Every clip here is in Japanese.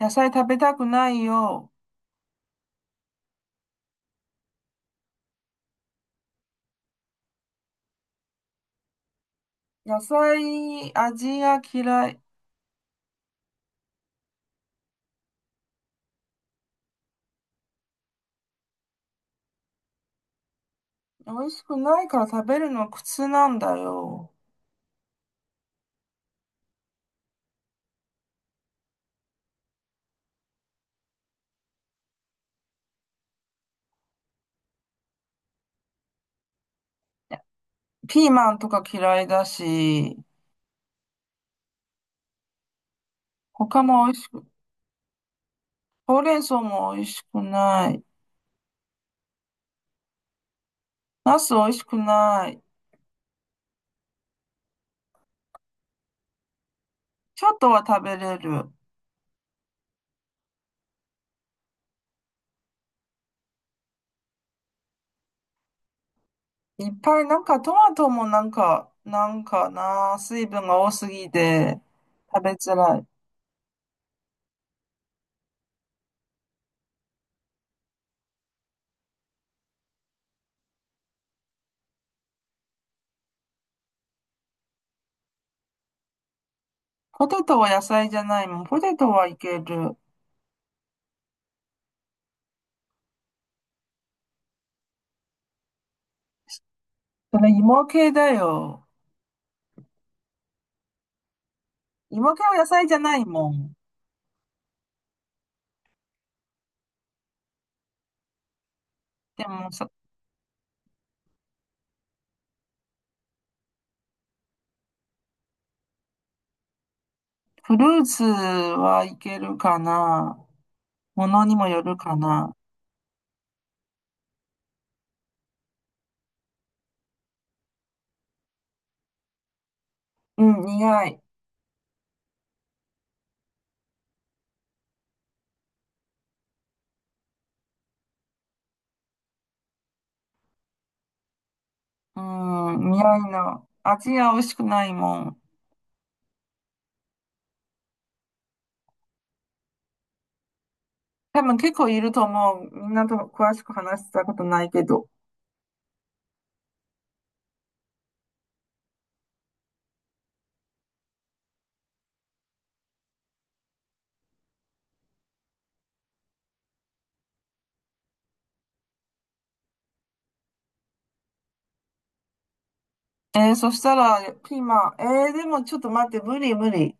野菜食べたくないよ。野菜、味が嫌い。美味しくないから食べるのは苦痛なんだよ。ピーマンとか嫌いだし、他も美味しく、ほうれん草も美味しくない。ナス美味しくない。ちょっとは食べれる。いっぱいなんかトマトもなんか、なんかな、水分が多すぎて食べづらい。ポテトは野菜じゃないもん。ポテトはいける。それ芋系だよ。芋系は野菜じゃないもん。でも、フルーツはいけるかな。ものにもよるかな。うん、苦い。うん、苦いの。味が美味しくないもん。多分結構いると思う。みんなと詳しく話したことないけど。えー、そしたら、ピーマン。えー、でもちょっと待って、無理無理。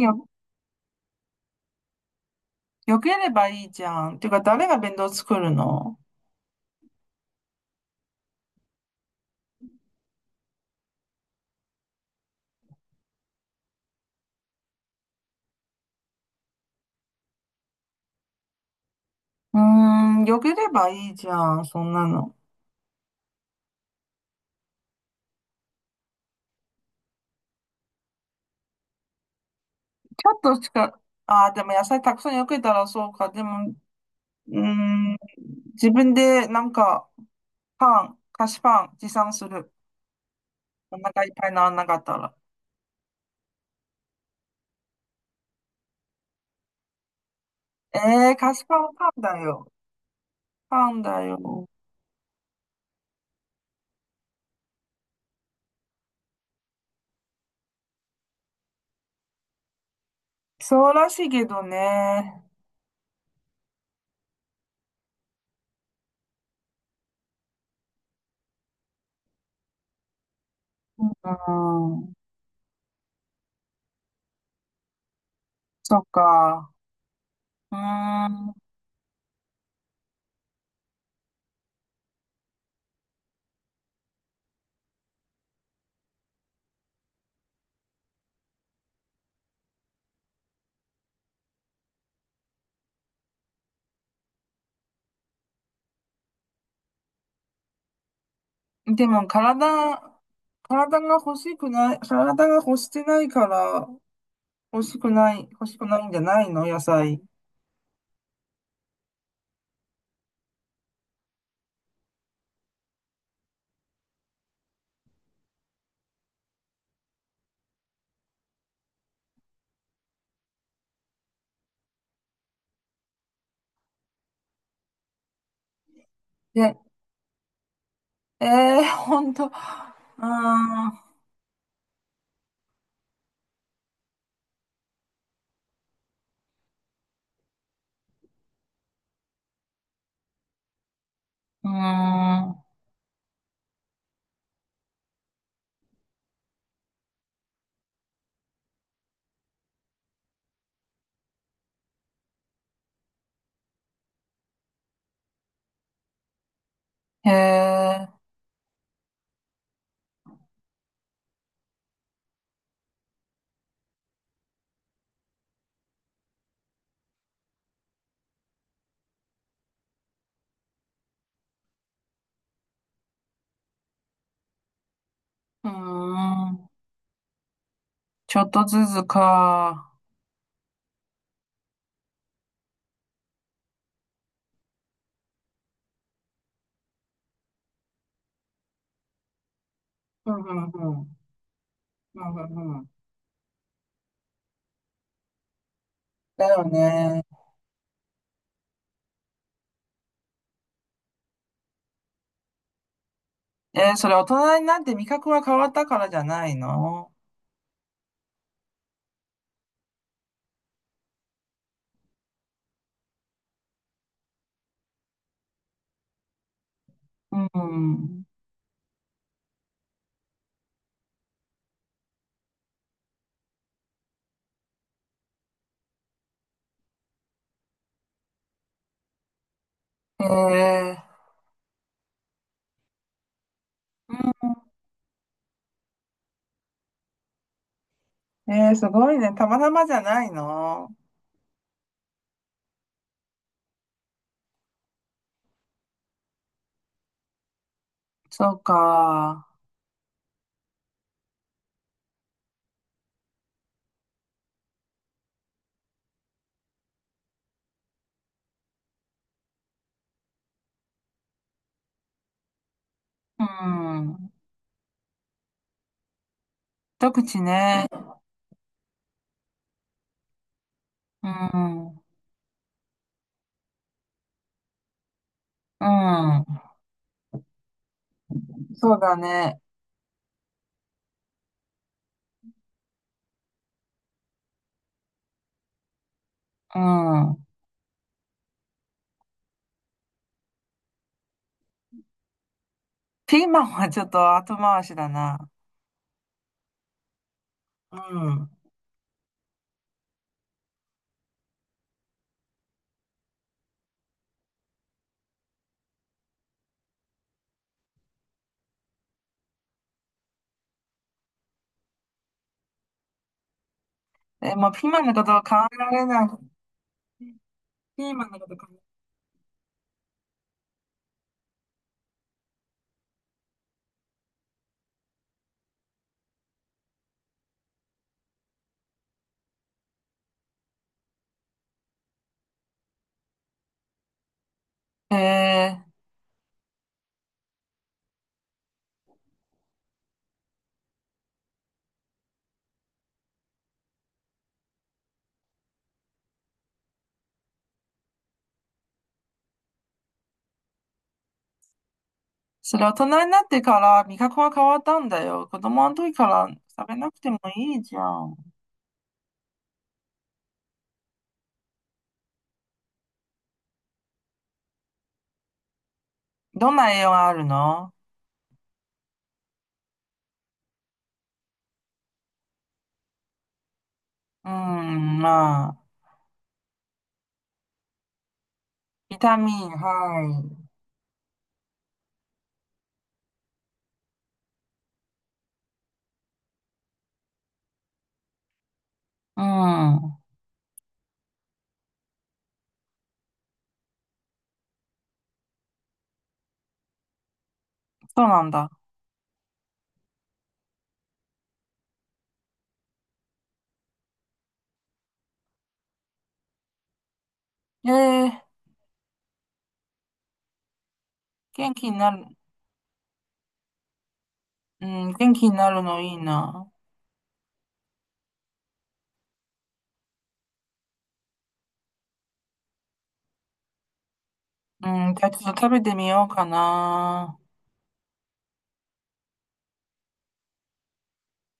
よ、よければいいじゃん。てか、誰が弁当作るの？うーん、よければいいじゃん、そんなの。ちょっとしか、ああ、でも野菜たくさんよけたらそうか。でも、うーん、自分でなんか、パン、菓子パン持参する。お腹いっぱいにならなかったら。ええー、菓子パンパンだよ。パンだよ。そうらしいけどね。うん、そっか。うーん、でも体、が欲しくない、体が欲してないから、欲しくない、欲しくないんじゃないの野菜？で、ええー、ほんと。うーん。うーん。へえ。うーん。ちょっとずつか。うんうんうん。うんうんうん。だよね。えー、それ大人になって味覚が変わったからじゃないの？うん。ええー。えー、すごいね。たまたまじゃないの？そうか。うん。一口ね。うん。うん。そうだね。うん。ピーマンはちょっと後回しだな。うん。え、もうピーマンのことを考えられない。ピーマンのことかな。えー、それ大人になってから味覚が変わったんだよ。子供の時から食べなくてもいいじゃん。どんな栄養があるの？うん、まあ、ビタミン、はい。うん、そうなんだ。えー、元気になる、うん、元気になるのいいな。うん、じゃあちょっと食べてみようかな。